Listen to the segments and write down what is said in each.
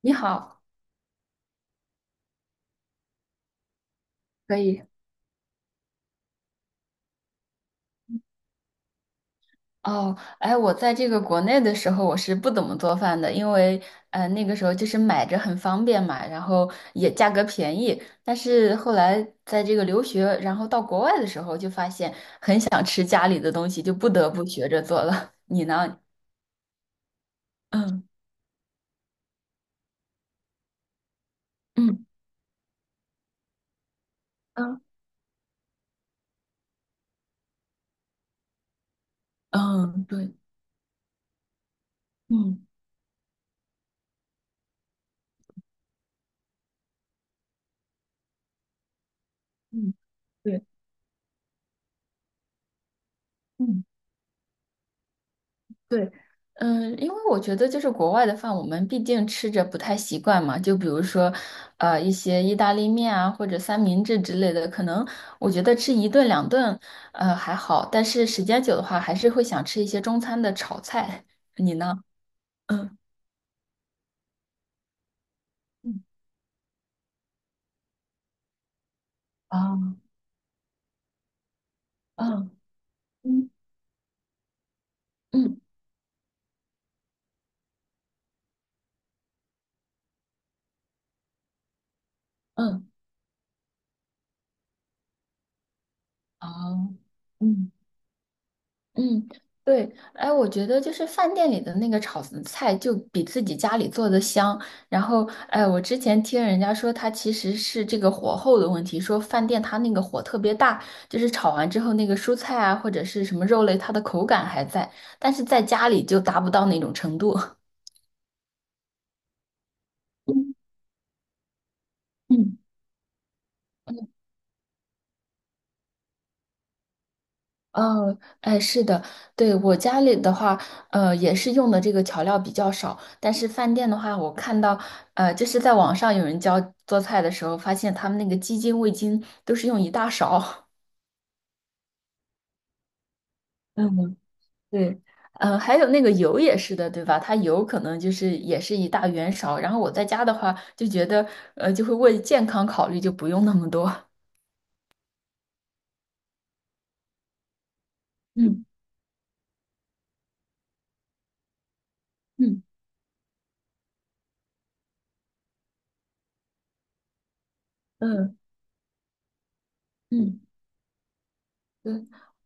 你好，可以哦。哎，我在这个国内的时候，我是不怎么做饭的，因为那个时候就是买着很方便嘛，然后也价格便宜。但是后来在这个留学，然后到国外的时候，就发现想吃家里的东西，就不得不学着做了。你呢？嗯嗯嗯嗯，对，嗯嗯对。嗯对，嗯，因为我觉得就是国外的饭，我们毕竟吃着不太习惯嘛。就比如说，一些意大利面啊，或者三明治之类的，可能我觉得吃一顿两顿，还好。但是时间久的话，还是会想吃一些中餐的炒菜。你呢？嗯嗯啊啊嗯嗯嗯啊嗯。嗯，对，哎，我觉得就是饭店里的那个炒的菜就比自己家里做的香。然后，哎，我之前听人家说，它其实是这个火候的问题，说饭店它那个火特别大，就是炒完之后那个蔬菜啊或者是什么肉类，它的口感还在，但是在家里就达不到那种程度。嗯嗯。哦，哎，是的，对，我家里的话，也是用的这个调料比较少，但是饭店的话，我看到，就是在网上有人教做菜的时候，发现他们那个鸡精、味精都是用一大勺。嗯，对，还有那个油也是的，对吧？它油可能就是也是一大圆勺，然后我在家的话就觉得，就会为健康考虑，就不用那么多。嗯嗯嗯嗯。对，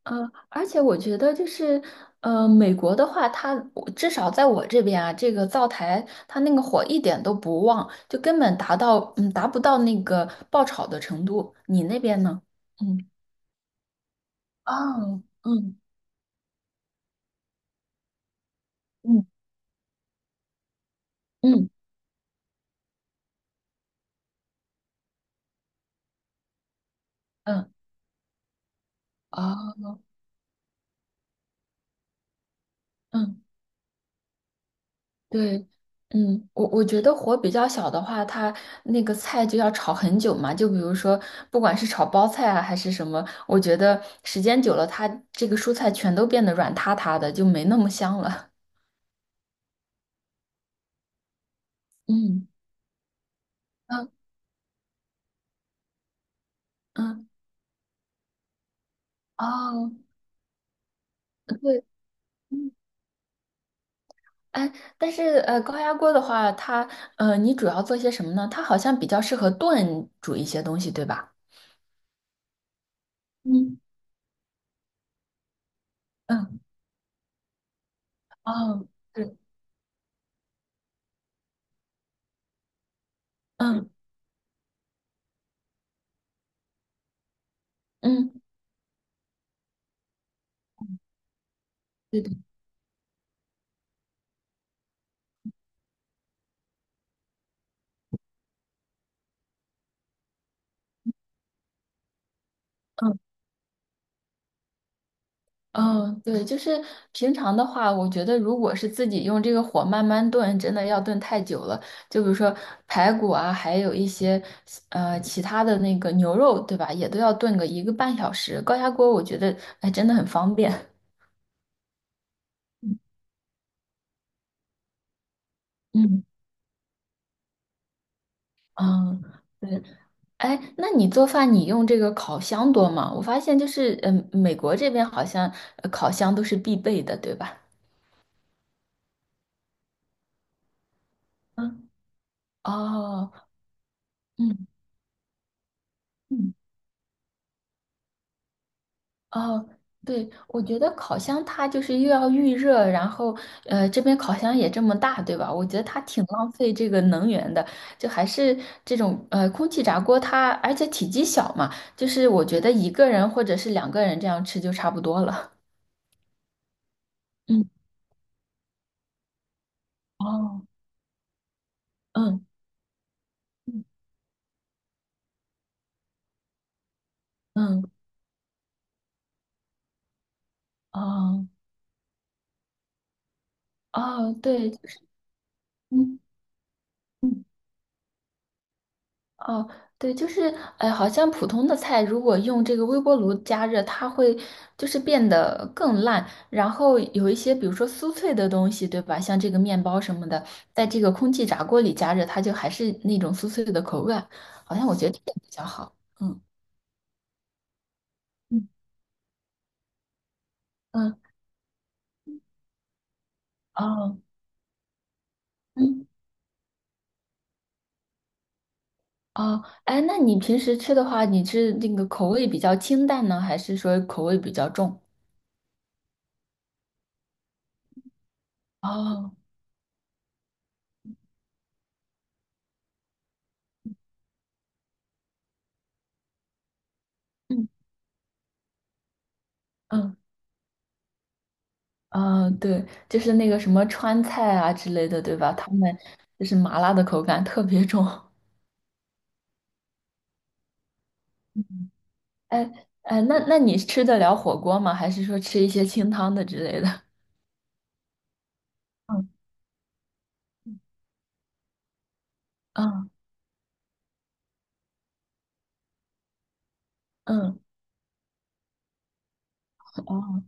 而且我觉得就是，美国的话，它我至少在我这边啊，这个灶台它那个火一点都不旺，就根本达到，嗯，达不到那个爆炒的程度。你那边呢？嗯，啊，嗯嗯嗯嗯，啊，嗯。对，嗯，我觉得火比较小的话，它那个菜就要炒很久嘛。就比如说，不管是炒包菜啊，还是什么，我觉得时间久了，它这个蔬菜全都变得软塌塌的，就没那么香了。嗯嗯嗯，哦，呃对，嗯，哎，但是高压锅的话，它你主要做些什么呢？它好像比较适合炖煮一些东西，对吧？嗯嗯，哦，对，嗯嗯，对的。嗯嗯，对，就是平常的话，我觉得如果是自己用这个火慢慢炖，真的要炖太久了。就比如说排骨啊，还有一些其他的那个牛肉，对吧？也都要炖个一个半小时。高压锅我觉得哎真的很方便。嗯嗯，对。哎，那你做饭你用这个烤箱多吗？我发现就是嗯，美国这边好像烤箱都是必备的，对吧？嗯，哦，嗯嗯。哦，对，我觉得烤箱它就是又要预热，然后这边烤箱也这么大，对吧？我觉得它挺浪费这个能源的，就还是这种空气炸锅它，而且体积小嘛，就是我觉得一个人或者是两个人这样吃就差不多了。嗯，哦，嗯嗯嗯，哦哦，对，就是嗯。嗯哦，对，就是，哎，好像普通的菜如果用这个微波炉加热，它会就是变得更烂。然后有一些，比如说酥脆的东西，对吧？像这个面包什么的，在这个空气炸锅里加热，它就还是那种酥脆的口感。好像我觉得这点比较好。嗯嗯，嗯，哦，嗯哦，哎，那你平时吃的话，你是那个口味比较清淡呢，还是说口味比较重？哦，嗯嗯。嗯，对，就是那个什么川菜啊之类的，对吧？他们就是麻辣的口感特别重。哎哎，那你吃得了火锅吗？还是说吃一些清汤的之类的？嗯嗯嗯哦，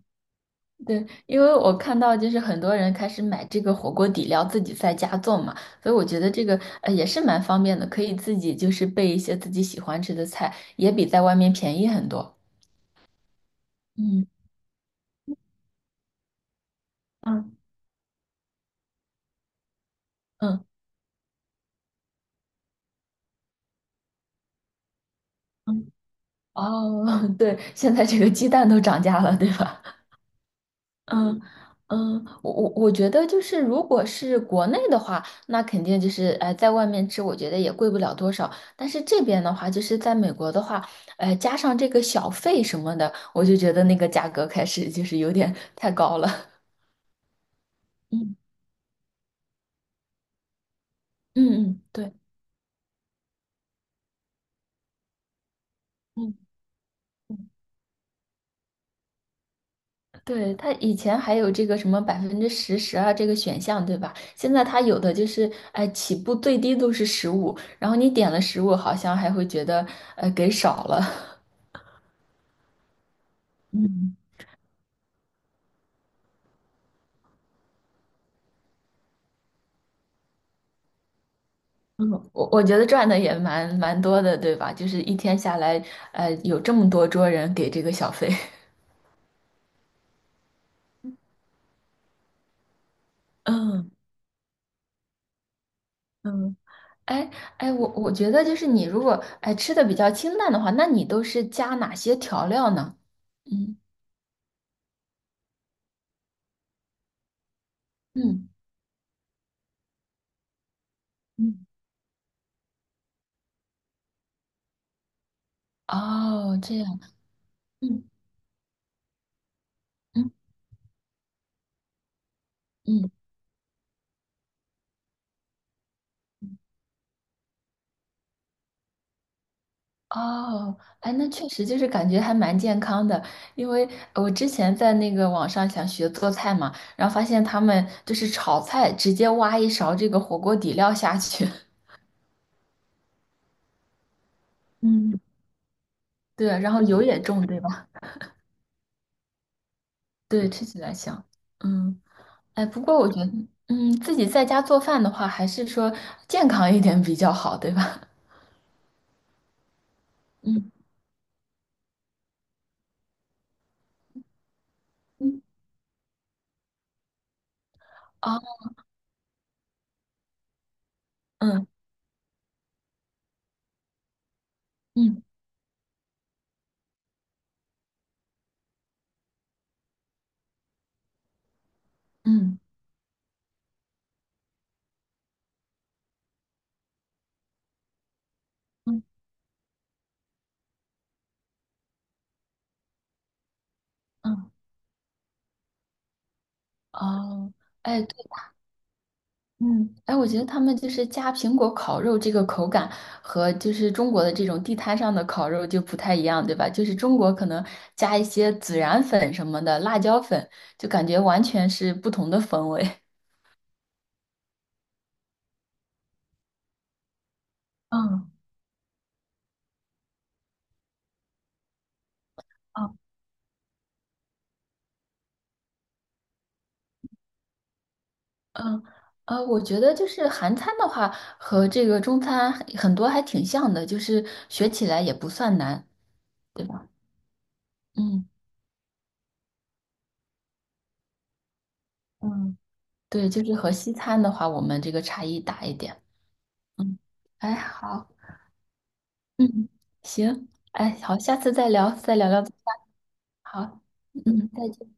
对，因为我看到就是很多人开始买这个火锅底料自己在家做嘛，所以我觉得这个也是蛮方便的，可以自己就是备一些自己喜欢吃的菜，也比在外面便宜很多。嗯嗯嗯嗯。哦，对，现在这个鸡蛋都涨价了，对吧？嗯嗯，我觉得就是，如果是国内的话，那肯定就是，在外面吃，我觉得也贵不了多少。但是这边的话，就是在美国的话，加上这个小费什么的，我就觉得那个价格开始就是有点太高了。嗯嗯嗯，对，嗯。对，他以前还有这个什么10%、12%这个选项，对吧？现在他有的就是，哎，起步最低都是十五，然后你点了十五，好像还会觉得，给少了。嗯。嗯，我觉得赚的也蛮多的，对吧？就是一天下来，有这么多桌人给这个小费。嗯嗯，哎哎，我觉得就是你如果哎吃的比较清淡的话，那你都是加哪些调料呢？嗯嗯，嗯，哦，这样，嗯嗯嗯。哦，哎，那确实就是感觉还蛮健康的，因为我之前在那个网上想学做菜嘛，然后发现他们就是炒菜，直接挖一勺这个火锅底料下去，嗯，对，然后油也重，对吧？对，吃起来香。嗯，哎，不过我觉得，嗯，自己在家做饭的话，还是说健康一点比较好，对吧？嗯嗯，啊嗯嗯嗯嗯嗯，啊，哎。嗯，哎，我觉得他们就是加苹果烤肉这个口感和就是中国的这种地摊上的烤肉就不太一样，对吧？就是中国可能加一些孜然粉什么的，辣椒粉，就感觉完全是不同的风味。嗯嗯嗯，我觉得就是韩餐的话和这个中餐很多还挺像的，就是学起来也不算难，对吧？嗯，嗯，对，就是和西餐的话，我们这个差异大一点。嗯，哎，好。嗯，行，哎，好，下次再聊，再聊聊。好，嗯，再见。